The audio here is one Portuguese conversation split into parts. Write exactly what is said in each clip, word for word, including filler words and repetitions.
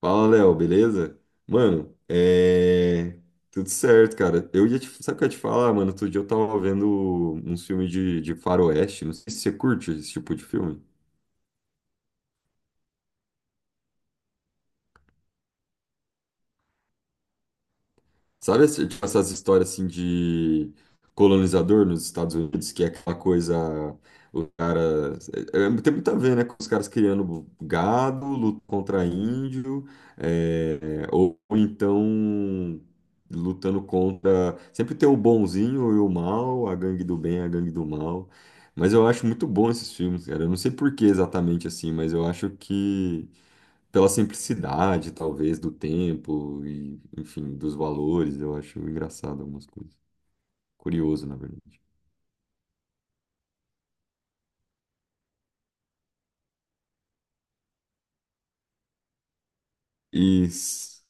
Fala, Léo, beleza? Mano, é... tudo certo, cara. Eu ia te... Sabe o que eu ia te falar, mano? Outro dia eu tava vendo um filme de, de faroeste. Não sei se você curte esse tipo de filme. Sabe esse- tipo, essas histórias assim de colonizador nos Estados Unidos, que é aquela coisa, os caras. é- é- tem muito a ver, né? Com os caras criando gado, luta contra índio, é, é, ou então lutando contra. Sempre tem o bonzinho e o mal, a gangue do bem, a gangue do mal. Mas eu acho muito bom esses filmes, cara. Eu não sei por que exatamente assim, mas eu acho que pela simplicidade, talvez, do tempo e, enfim, dos valores, eu acho engraçado algumas coisas. Curioso, na verdade. E s-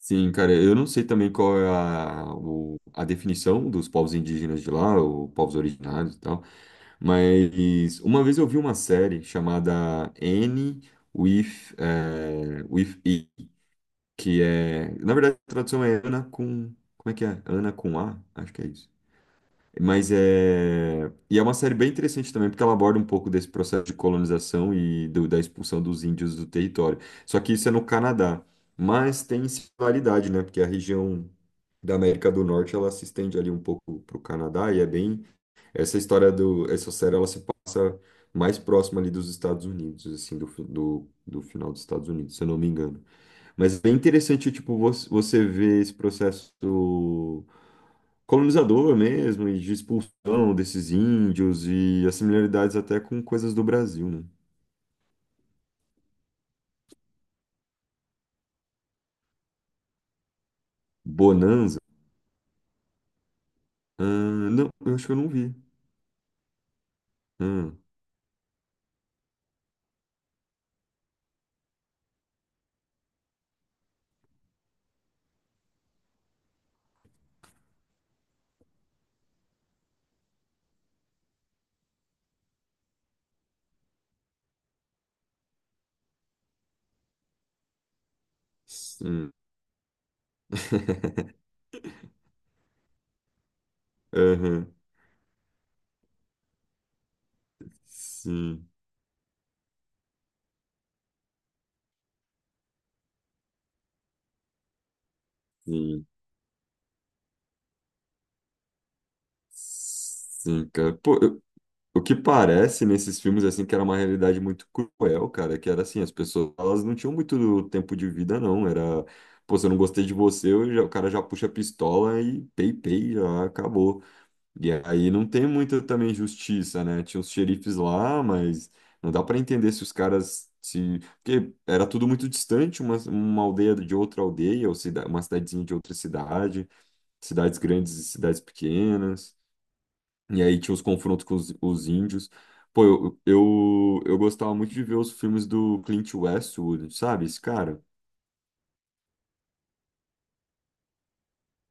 sim, cara, eu não sei também qual é a, o- a definição dos povos indígenas de lá, ou povos originários e tal, mas uma vez eu vi uma série chamada N with, eh, with E, que é, na verdade, a tradução é Ana com, como é que é? Ana com A? Acho que é isso. Mas é. E é uma série bem interessante também, porque ela aborda um pouco desse processo de colonização e do- da expulsão dos índios do território. Só que isso é no Canadá. Mas tem similaridade, né? Porque a região da América do Norte ela se estende ali um pouco para o Canadá e é bem. Essa história do. Essa série ela se passa mais próxima ali dos Estados Unidos, assim, do, fi- do, do final dos Estados Unidos, se eu não me engano. Mas é bem interessante, tipo, você você ver esse processo colonizador mesmo, e de expulsão desses índios, e as similaridades até com coisas do Brasil, né? Bonanza? Ah, não, eu acho que eu não vi. Ah, sim. Aham. Sim, sim. Sim, cara. Pô, eu- O que parece nesses filmes, assim, que era uma realidade muito cruel, cara, que era assim, as pessoas, elas não tinham muito tempo de vida, não, era, pô, se eu não gostei de você, eu já- o cara já puxa a pistola e pei, pei, já acabou. E aí não tem muita também justiça, né, tinha os xerifes lá, mas não dá pra entender se os caras, se, porque era tudo muito distante, uma, uma aldeia de outra aldeia, ou cida, uma cidadezinha de outra cidade, cidades grandes e cidades pequenas. E aí tinha os confrontos com os, os índios. Pô, eu, eu, eu gostava muito de ver os filmes do Clint Eastwood, sabe? Esse cara.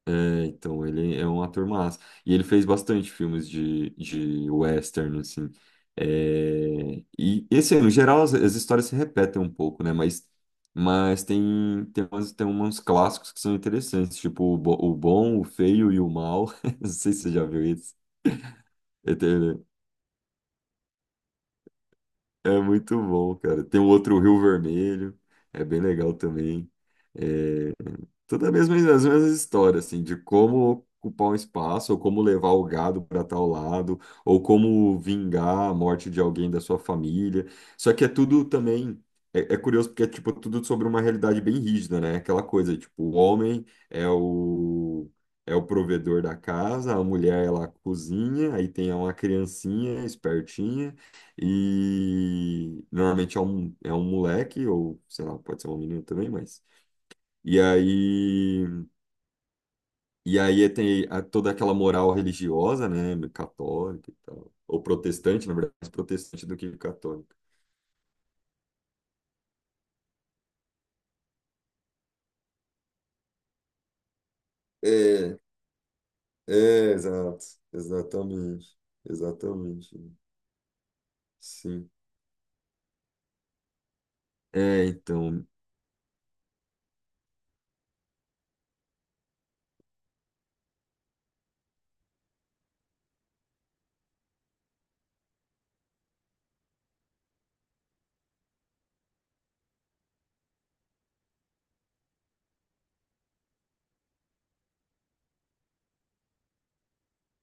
É, então, ele é um ator massa. E ele fez bastante filmes de, de western, assim. É, e, e, assim, no geral, as, as histórias se repetem um pouco, né? Mas, mas tem, tem, umas, tem uns clássicos que são interessantes, tipo O, Bo- o Bom, o Feio e o Mal. Não sei se você já viu isso. É muito bom, cara. Tem o outro Rio Vermelho, é bem legal também. É, toda a mesma, as mesmas histórias, assim, de como ocupar um espaço, ou como levar o gado para tal lado, ou como vingar a morte de alguém da sua família. Só que é tudo também. É, é curioso porque é tipo tudo sobre uma realidade bem rígida, né? Aquela coisa, tipo, o homem é o é o provedor da casa, a mulher ela cozinha, aí tem uma criancinha espertinha e normalmente é um, é um moleque ou sei lá, pode ser uma menina também, mas e aí e aí tem a- toda aquela moral religiosa, né, católica e tal, ou protestante, na verdade, mais protestante do que católica. É, é, exato, exatamente, exatamente, sim. É, então,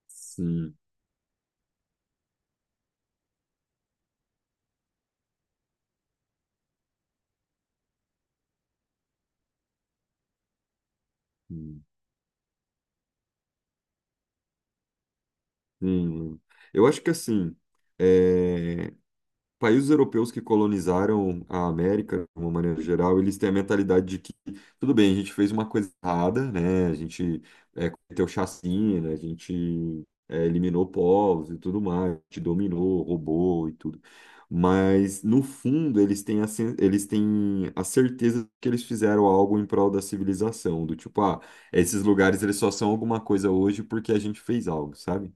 sim, sim. sim. Eu acho que assim, é, países europeus que colonizaram a América, de uma maneira geral, eles têm a mentalidade de que, tudo bem, a gente fez uma coisa errada, né? A gente é, cometeu chacina, a gente é, eliminou povos e tudo mais, a gente dominou, roubou e tudo. Mas, no fundo, eles têm a, sen- eles têm a certeza de que eles fizeram algo em prol da civilização, do tipo, ah, esses lugares eles só são alguma coisa hoje porque a gente fez algo, sabe?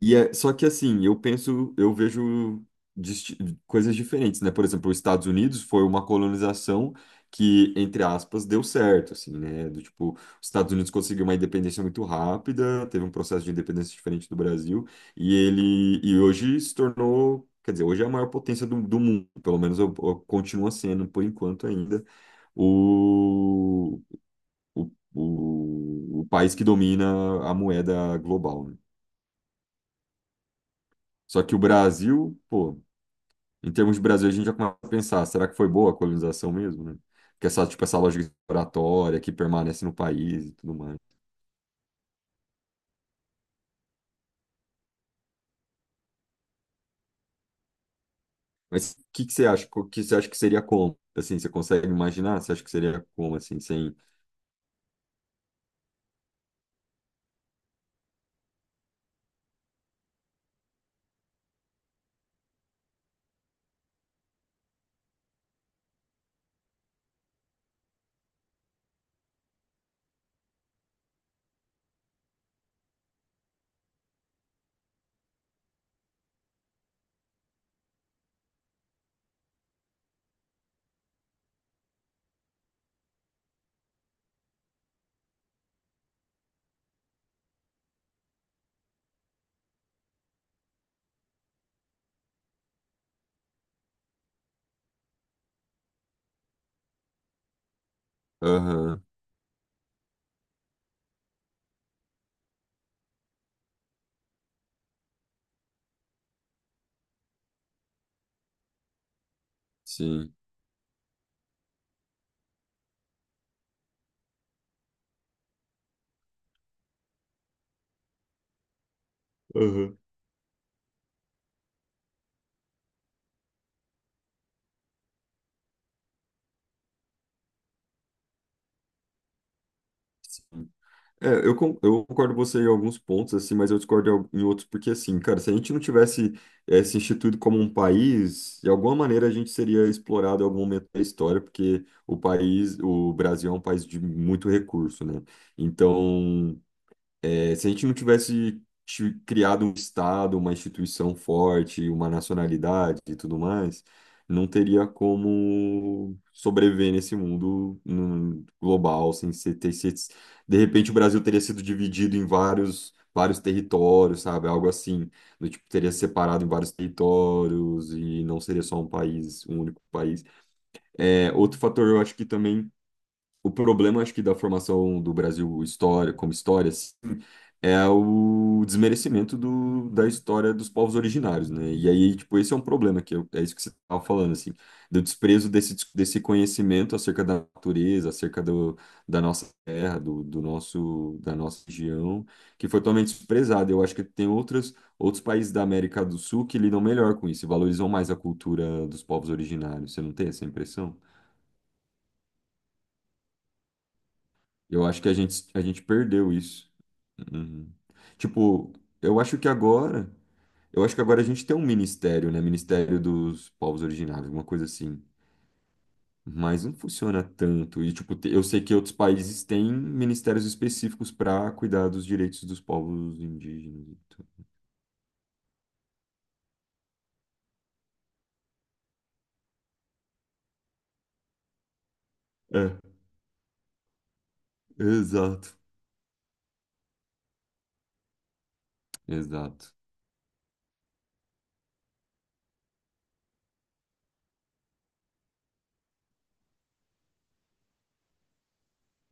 E é, só que assim, eu penso, eu vejo disti- coisas diferentes, né? Por exemplo, os Estados Unidos foi uma colonização que, entre aspas, deu certo, assim, né? Do tipo, os Estados Unidos conseguiu uma independência muito rápida, teve um processo de independência diferente do Brasil, e ele e hoje se tornou, quer dizer, hoje é a maior potência do, do mundo, pelo menos eu, eu continua sendo, por enquanto ainda, o, o, o, o país que domina a moeda global, né? Só que o Brasil, pô, em termos de Brasil, a gente já começa a pensar, será que foi boa a colonização mesmo, né? Que essa, tipo, essa lógica exploratória que permanece no país e tudo mais. Mas o que que você acha? O que você acha que seria como? Assim, você consegue imaginar? Você acha que seria como, assim, sem... Aham, sim. Aham. É, eu, con- eu concordo com você em alguns pontos, assim, mas eu discordo em al- em outros, porque, assim, cara, se a gente não tivesse eh, se instituído como um país, de alguma maneira a gente seria explorado em algum momento da história, porque o país, o Brasil é um país de muito recurso, né? Então, é, se a gente não tivesse ti- criado um Estado, uma instituição forte, uma nacionalidade e tudo mais, não teria como sobreviver nesse mundo hum, global sem ser, ter, se- De repente o Brasil teria sido dividido em vários vários territórios, sabe? Algo assim, do tipo teria separado em vários territórios e não seria só um país, um único país. É, outro fator, eu acho que também o problema, acho que da formação do Brasil história, como história é o desmerecimento do, da história dos povos originários, né? E aí, tipo, esse é um problema, que eu- é isso que você estava falando, assim, do desprezo desse, dis- desse conhecimento acerca da natureza, acerca do, da nossa terra, do, do nosso, da nossa região, que foi totalmente desprezado. Eu acho que tem outras, outros países da América do Sul que lidam melhor com isso e valorizam mais a cultura dos povos originários. Você não tem essa impressão? Eu acho que a gente, a gente perdeu isso. Uhum. Tipo, eu acho que agora. Eu acho que agora a gente tem um ministério, né? Ministério dos Povos Originários, alguma coisa assim. Mas não funciona tanto. E, tipo, te- eu sei que outros países têm ministérios específicos para cuidar dos direitos dos povos indígenas. E tudo. É, exato. Exato.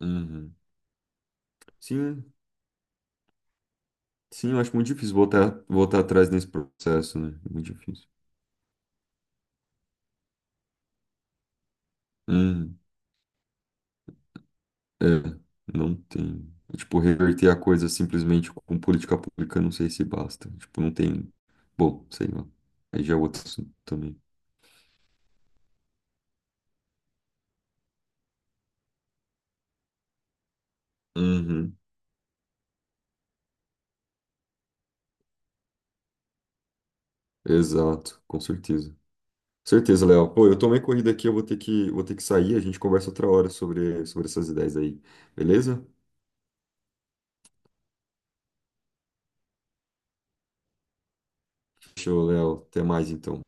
Uhum. Sim, sim, eu acho muito difícil voltar, voltar atrás nesse processo, né? É Muito difícil. Uhum. É, não tem. Tipo, reverter a coisa simplesmente com política pública, não sei se basta. Tipo, não tem. Bom, sei lá. Aí já é outro assunto também. Uhum. Exato, com certeza. Certeza, Léo. Pô, eu tomei corrida aqui, eu vou ter que, vou ter que sair. A gente conversa outra hora sobre, sobre essas ideias aí. Beleza? Show, Léo. Até mais então.